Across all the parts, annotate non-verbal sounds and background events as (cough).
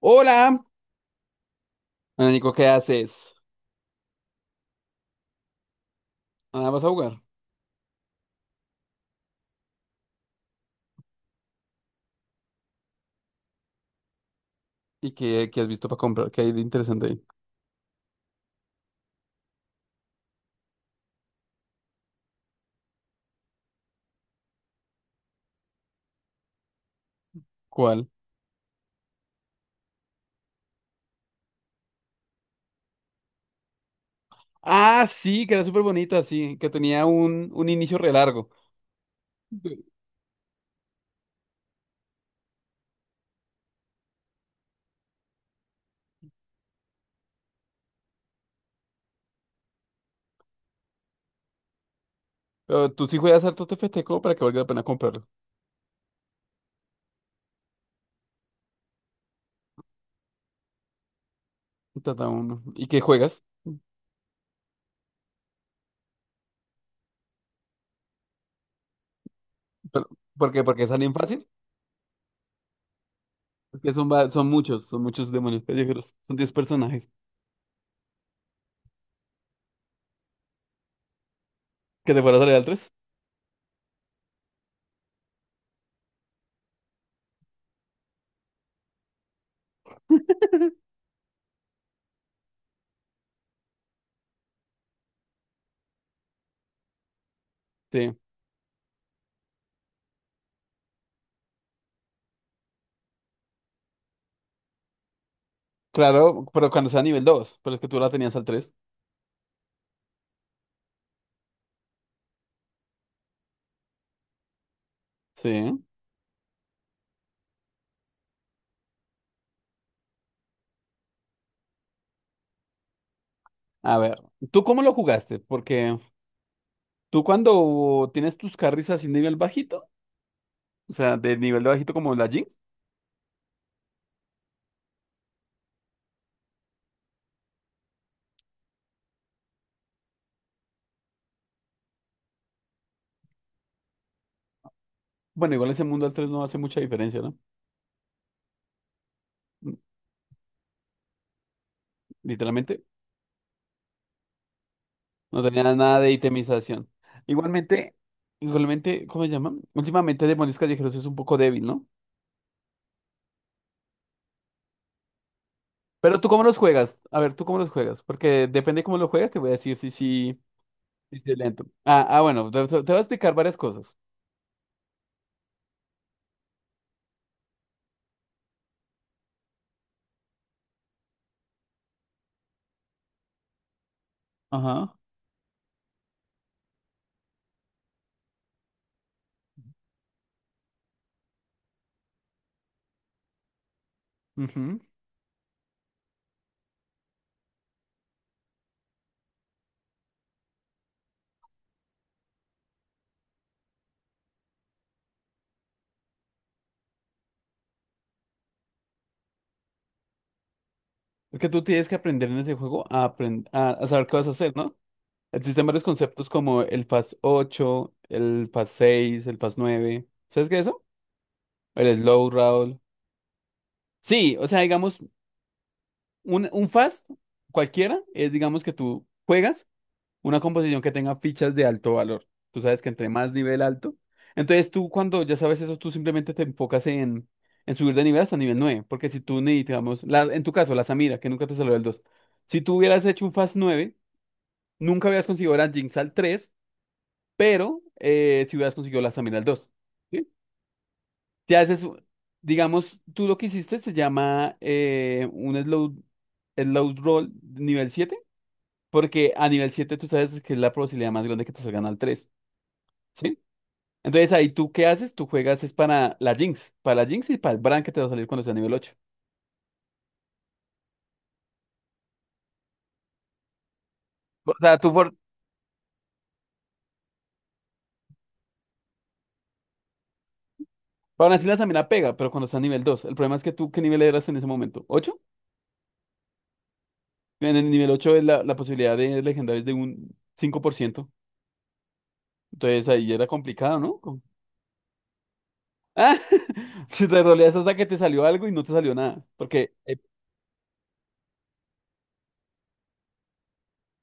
Hola, Ana Nico, ¿qué haces? Ah, vas a jugar. ¿Y qué has visto para comprar? ¿Qué hay de interesante ahí? ¿Cuál? Ah, sí, que era súper bonita, sí, que tenía un inicio re largo. Sí. Pero tú sí juegas harto TFT como para que valga la pena comprarlo. Trata uno. ¿Y qué juegas? Pero- ¿Por qué? ¿Porque salen fácil? Porque son muchos demonios callejeros. Son 10 personajes. ¿Que te fuera a salir al 3? Sí. Claro, pero cuando sea nivel 2. Pero es que tú la tenías al tres. Sí. A ver, ¿tú cómo lo jugaste? Porque... Tú cuando tienes tus carries así nivel bajito, o sea, de nivel de bajito como la Jinx, bueno, igual ese mundo al 3 no hace mucha diferencia, ¿no? Mm, Literalmente, no tenía nada de itemización. Igualmente, igualmente, ¿cómo se llama? Últimamente Demonios Callejeros es un poco débil, ¿no? ¿Pero tú cómo los juegas? A ver, ¿tú cómo los juegas? Porque depende cómo los juegas, te voy a decir si sí, si es lento. Bueno, te voy a explicar varias cosas. Ajá. Ujú. Es que tú tienes que aprender en ese juego a saber qué vas a hacer, ¿no? Existen varios conceptos como el Fast 8, el Fast 6, el Fast 9. ¿Sabes qué es eso? El Slow Roll. Sí, o sea, digamos, un Fast cualquiera es, digamos, que tú juegas una composición que tenga fichas de alto valor. Tú sabes que entre más nivel alto. Entonces tú cuando ya sabes eso, tú simplemente te enfocas en subir de nivel hasta nivel nueve. Porque si tú, ni, digamos, la, en tu caso, la Samira, que nunca te salió el dos. Si tú hubieras hecho un Fast 9, nunca hubieras conseguido la Jinx al 3, pero si hubieras conseguido las aminas 2, ¿sí? Si haces, digamos, tú lo que hiciste se llama un slow roll nivel siete, porque a nivel siete tú sabes que es la probabilidad más grande que te salgan al 3, ¿sí? Entonces ahí tú qué haces, tú juegas es para la Jinx y para el Bran que te va a salir cuando sea nivel 8. O sea, tú por... Para así la Samina pega, pero cuando está a nivel dos. El problema es que tú, ¿qué nivel eras en ese momento? Ocho. En el nivel 8 es la, posibilidad de legendarios de un 5%. Entonces ahí era complicado, ¿no? Ah, (laughs) si te roleas hasta que te salió algo y no te salió nada. Porque,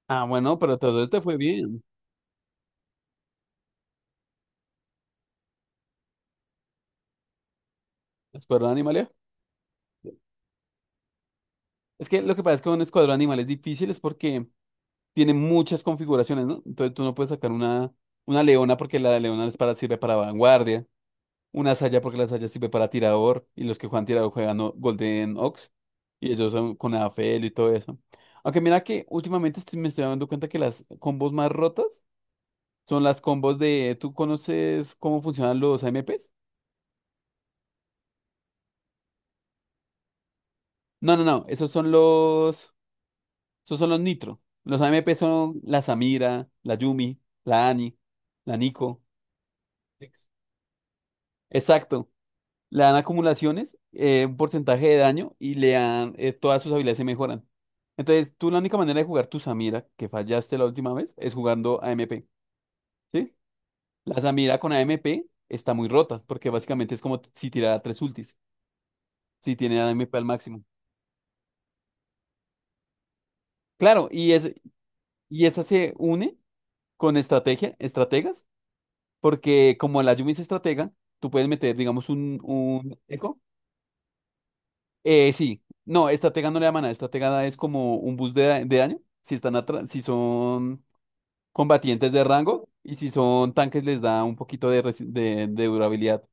ah, bueno, pero te fue bien. Escuadrón Animal. Es que lo que pasa es que un escuadrón animal es difícil es porque tiene muchas configuraciones, ¿no? Entonces tú no puedes sacar una leona porque la leona sirve para vanguardia. Una saya porque la saya sirve para tirador. Y los que juegan tirador juegan Golden Ox. Y ellos son con Afel y todo eso. Aunque mira que últimamente me estoy dando cuenta que las combos más rotas son las combos de... ¿Tú conoces cómo funcionan los AMPs? No, no, no. Esos son los Nitro. Los AMP son la Samira, la Yumi, la Ani, la Nico. Ex. Exacto. Le dan acumulaciones, un porcentaje de daño y le dan... todas sus habilidades se mejoran. Entonces, tú la única manera de jugar tu Samira, que fallaste la última vez, es jugando AMP, ¿sí? La Samira con AMP está muy rota, porque básicamente es como si tirara tres ultis, si tiene AMP al máximo. Claro, y es, y esa se une con estrategas, porque como la Yumi es estratega, tú puedes meter, digamos, un eco. Sí, no, estratega no le llama nada, estratega es como un bus de daño, si están si son combatientes de rango y si son tanques les da un poquito de durabilidad.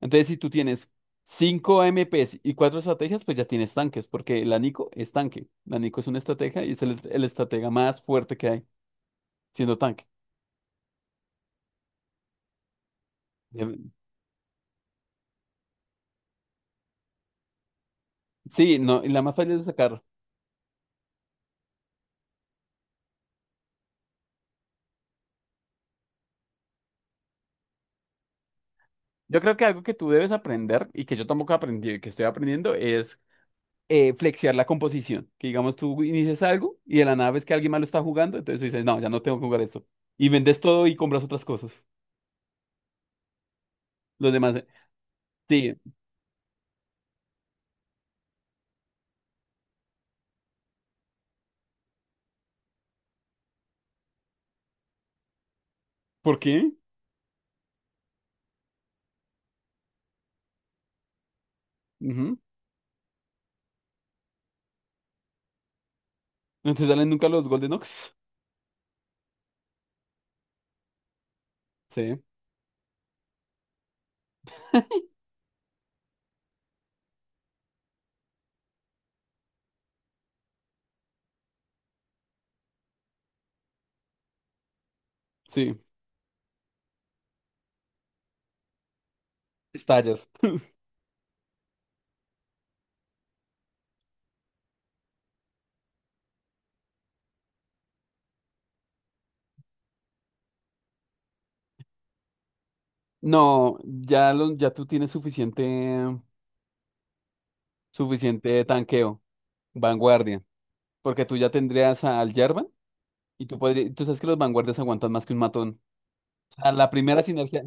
Entonces, si tú tienes 5 AMPs y 4 estrategias, pues ya tienes tanques, porque la Nico es tanque. La Nico es una estratega y es el estratega más fuerte que hay, siendo tanque. Sí, no, y la más fácil de sacar. Yo creo que algo que tú debes aprender y que yo tampoco aprendí, que estoy aprendiendo, es flexear la composición. Que digamos, tú inicias algo y de la nada ves que alguien más lo está jugando, entonces tú dices, no, ya no tengo que jugar esto. Y vendes todo y compras otras cosas. Los demás, sí, ¿por qué? Ujú. No te salen nunca los Golden Ox. Sí, sí, estallas. (laughs) No, ya, ya tú tienes suficiente, suficiente tanqueo, vanguardia, porque tú ya tendrías al Yerba. Y tú sabes que los vanguardias aguantan más que un matón. O sea, la primera sinergia,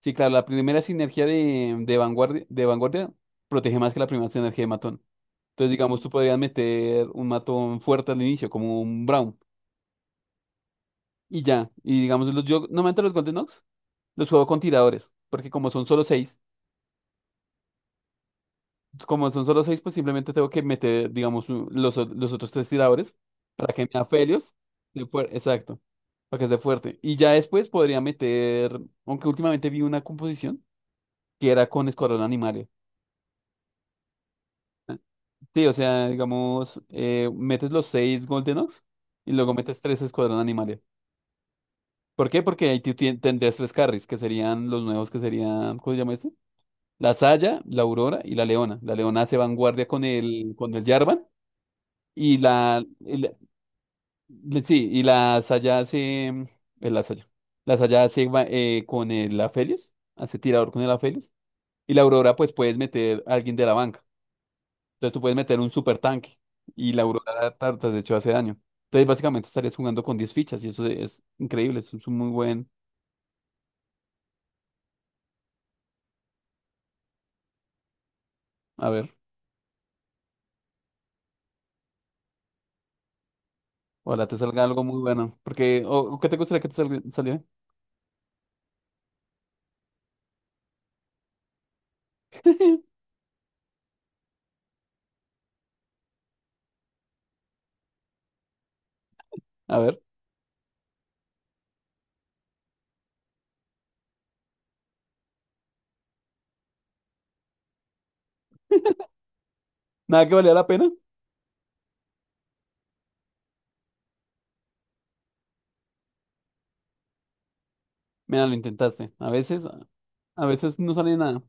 sí, claro, la primera sinergia de vanguardia, de vanguardia protege más que la primera sinergia de matón. Entonces, digamos, tú podrías meter un matón fuerte al inicio, como un Brown, y ya. Y digamos, yo normalmente los Golden Ox los juego con tiradores, porque como son solo seis, pues simplemente tengo que meter, digamos, los otros tres tiradores para que me afelios. Exacto, para que esté fuerte. Y ya después podría meter, aunque últimamente vi una composición que era con Escuadrón Animalia, ¿no? Sí, o sea, digamos, metes los seis Golden Ox y luego metes tres Escuadrón Animalia. ¿Por qué? Porque ahí tú tendrías tres carries, que serían los nuevos, que serían, ¿cómo se llama este? La Saya, la Aurora y la Leona. La Leona hace vanguardia con el, Jarvan y la, el, Sí, y la saya hace, eh, la saya, con el Aphelios, hace tirador con el Aphelios, y la Aurora pues puedes meter a alguien de la banca, entonces tú puedes meter un super tanque, y la Aurora tartas de hecho hace daño, entonces básicamente estarías jugando con 10 fichas, y eso es increíble, eso es un muy buen, a ver, ojalá te salga algo muy bueno, porque, o ¿qué te gustaría que te saliera? (laughs) A ver, nada que valía la pena, mira, lo intentaste, a veces, no sale nada,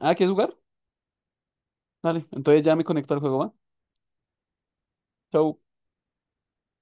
ah, ¿quieres jugar? Dale, entonces ya me conecto al juego, ¿va? Show